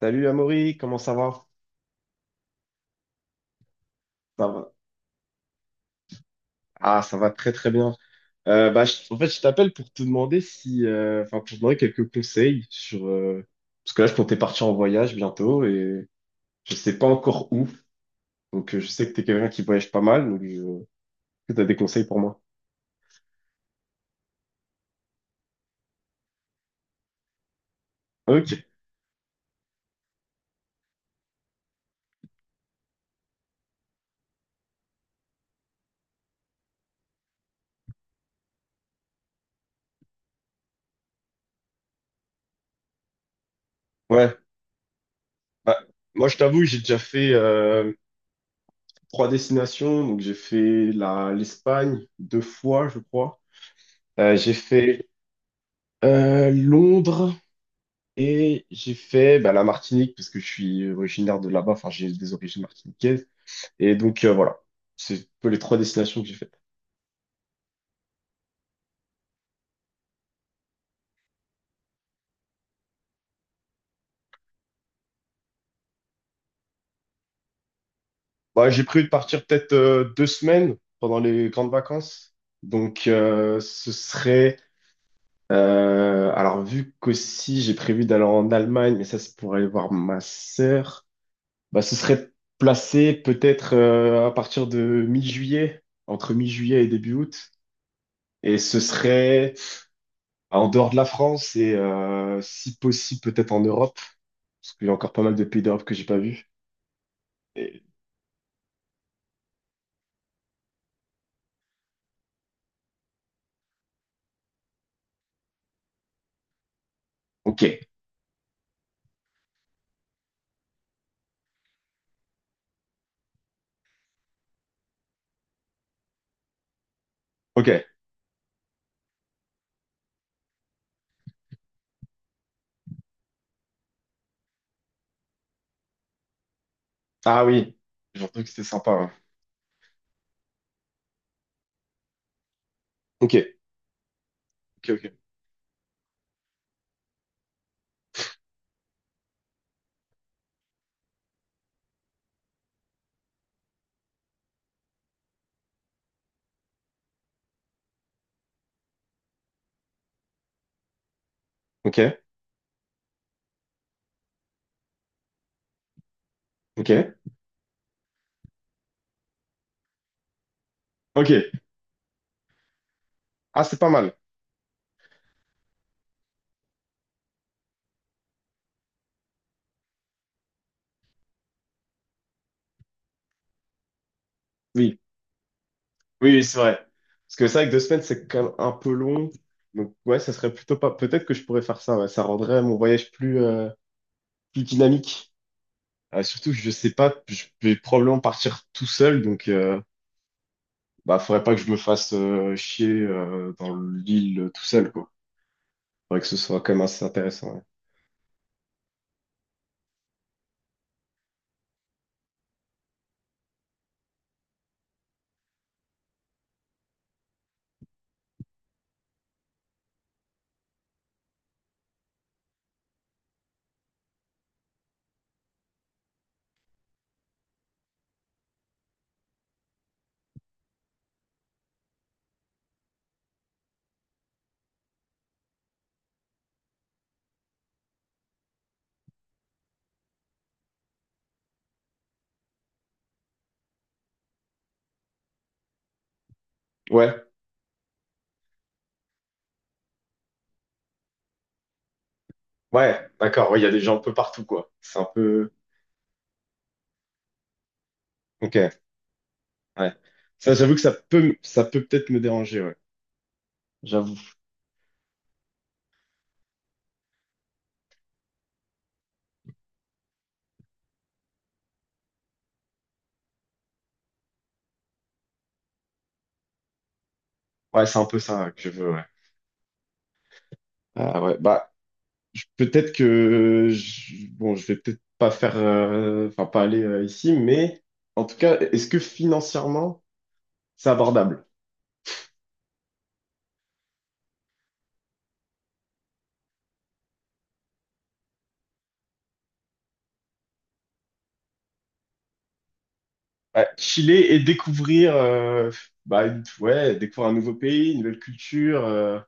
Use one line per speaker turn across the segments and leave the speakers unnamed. Salut Amaury, comment ça va? Ça va. Ah, ça va très très bien. En fait, je t'appelle pour te demander si, enfin, pour te demander quelques conseils sur, parce que là, je comptais partir en voyage bientôt et je sais pas encore où. Donc, je sais que t'es quelqu'un qui voyage pas mal, donc... tu as des conseils pour moi. Ok. Ouais. Bah, moi, je t'avoue, j'ai déjà fait 3 destinations. Donc, j'ai fait la l'Espagne 2 fois, je crois. J'ai fait Londres. Et j'ai fait bah, la Martinique parce que je suis originaire de là-bas, enfin j'ai des origines martiniquaises. Et donc, voilà, c'est un peu les 3 destinations que j'ai faites. Bah, j'ai prévu de partir peut-être 2 semaines pendant les grandes vacances. Donc ce serait... alors vu qu'aussi j'ai prévu d'aller en Allemagne, mais ça c'est pour aller voir ma sœur, bah, ce serait placé peut-être à partir de mi-juillet, entre mi-juillet et début août. Et ce serait... Bah, en dehors de la France et si possible peut-être en Europe, parce qu'il y a encore pas mal de pays d'Europe que j'ai pas vu. Et- Ok, ok. Ah oui, j'ai entendu que c'était sympa, hein. Ok, ok, ok, ok, ok, ok. Ah, c'est pas mal. Oui, oui, oui, c'est vrai. Parce que c'est vrai que 2 semaines, c'est quand même un peu long. Donc ouais, ça serait plutôt pas. Peut-être que je pourrais faire ça, ouais. Ça rendrait mon voyage plus plus dynamique. Surtout, que je sais pas, je vais probablement partir tout seul, donc. Bah, faudrait pas que je me fasse chier dans l'île tout seul, quoi. Faudrait que ce soit quand même assez intéressant. Ouais, ouais, ouais, d'accord. Ouais, il y a des gens un peu partout, quoi. C'est un peu. Ok, ouais. Ça, j'avoue que ça peut, ça peut peut-être me déranger, ouais. J'avoue. Ouais, c'est un peu ça que je veux, ouais. Ah ouais, bah, peut-être que. Je, bon, je vais peut-être pas faire. Enfin, pas aller ici, mais en tout cas, est-ce que financièrement, c'est abordable? Ouais, chiller et découvrir, bah, ouais, découvrir un nouveau pays, une nouvelle culture,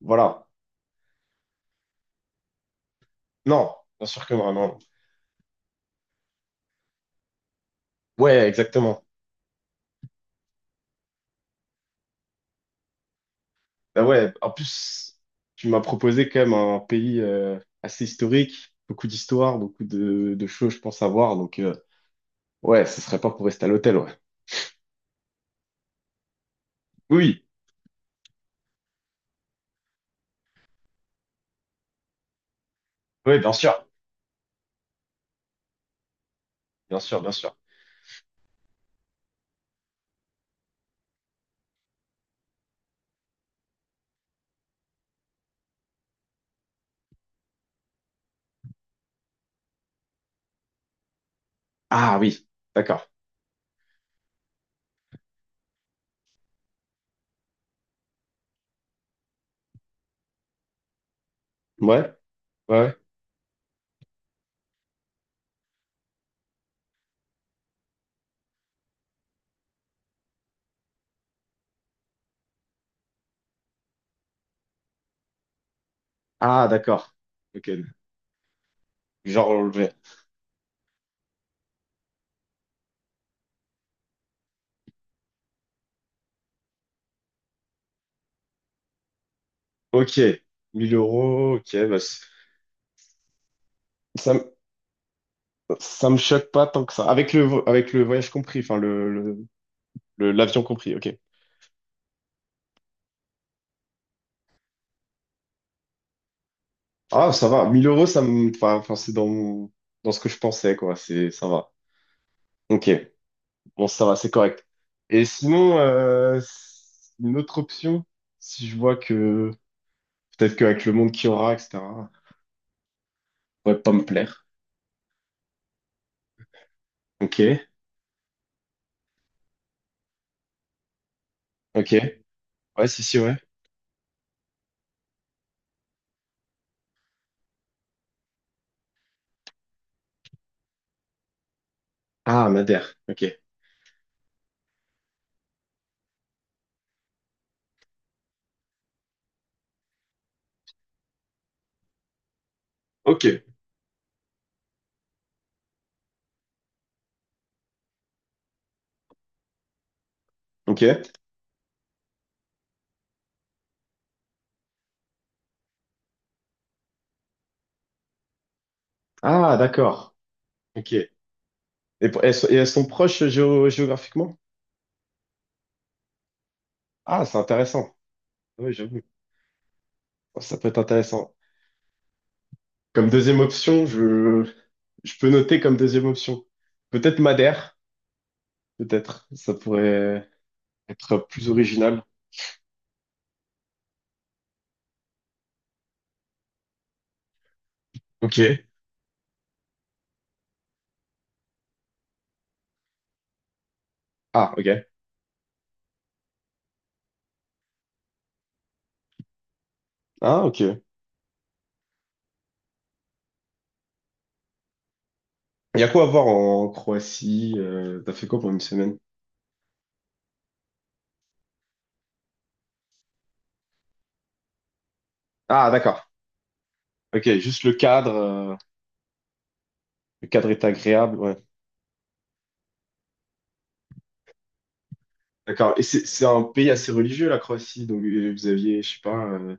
voilà. Non, bien sûr que non, non. Ouais, exactement. Bah ouais, en plus, tu m'as proposé quand même un pays assez historique, beaucoup d'histoire, beaucoup de choses, je pense, à voir. Donc, ouais, ce serait pas pour rester à l'hôtel, ouais. Oui, oui, oui, bien sûr, bien sûr, bien sûr. Ah oui, d'accord. Ouais, ouais, ouais. Ah, d'accord. Ok, genre, enlevé. Ok, 1000 euros, ok, bah, ça, ça me choque pas tant que ça. Avec le, avec le voyage compris, enfin, l'avion compris, ok. Ah, ça va. 1000 euros, enfin, enfin, c'est dans dans ce que je pensais, quoi. C'est, ça va. Ok. Bon, ça va, c'est correct. Et sinon, une autre option, si je vois que, peut-être qu'avec le monde qu'il y aura, etc., pourrait pas me plaire. Ok. Ok. Ouais, si, si, ouais. Ah, Madère. Ok. Ok. Ok. Ah, d'accord. Ok. Et, et elles sont proches géographiquement? Ah, c'est intéressant. Oui, j'avoue. Ça peut être intéressant. Comme deuxième option, je peux noter comme deuxième option. Peut-être Madère, peut-être. Ça pourrait être plus original. Ok. Ah, ok. Ah, ok. Il y a quoi à voir en Croatie? T'as fait quoi pour une semaine? Ah, d'accord. Ok, juste le cadre. Le cadre est agréable, ouais. D'accord. Et c'est un pays assez religieux, la Croatie. Donc, vous aviez, je sais pas,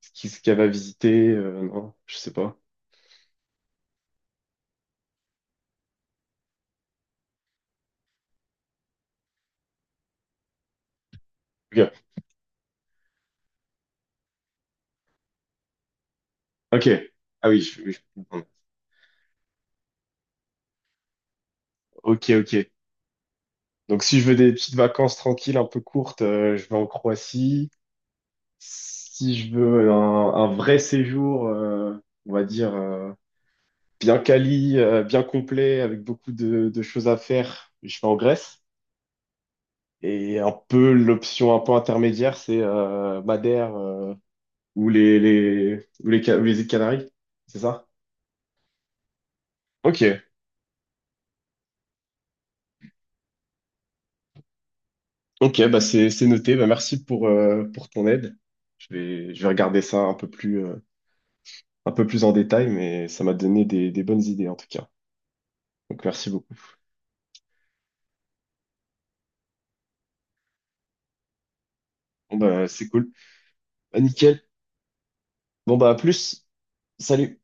ce qu'il y avait à visiter. Non, je sais pas. Ok. Ok. Ah oui, je comprends. Ok, ok. Donc, si je veux des petites vacances tranquilles, un peu courtes, je vais en Croatie. Si je veux un vrai séjour, on va dire, bien quali, bien complet, avec beaucoup de choses à faire, je vais en Grèce. Et un peu l'option un peu intermédiaire, c'est Madère ou ou les, ou les îles Canaries, c'est ça? Ok, ok, bah c'est noté. Bah merci pour ton aide. Je vais regarder ça un peu plus, un peu plus en détail, mais ça m'a donné des bonnes idées en tout cas. Donc merci beaucoup. Bon bah c'est cool. Bah, nickel. Bon bah à plus. Salut.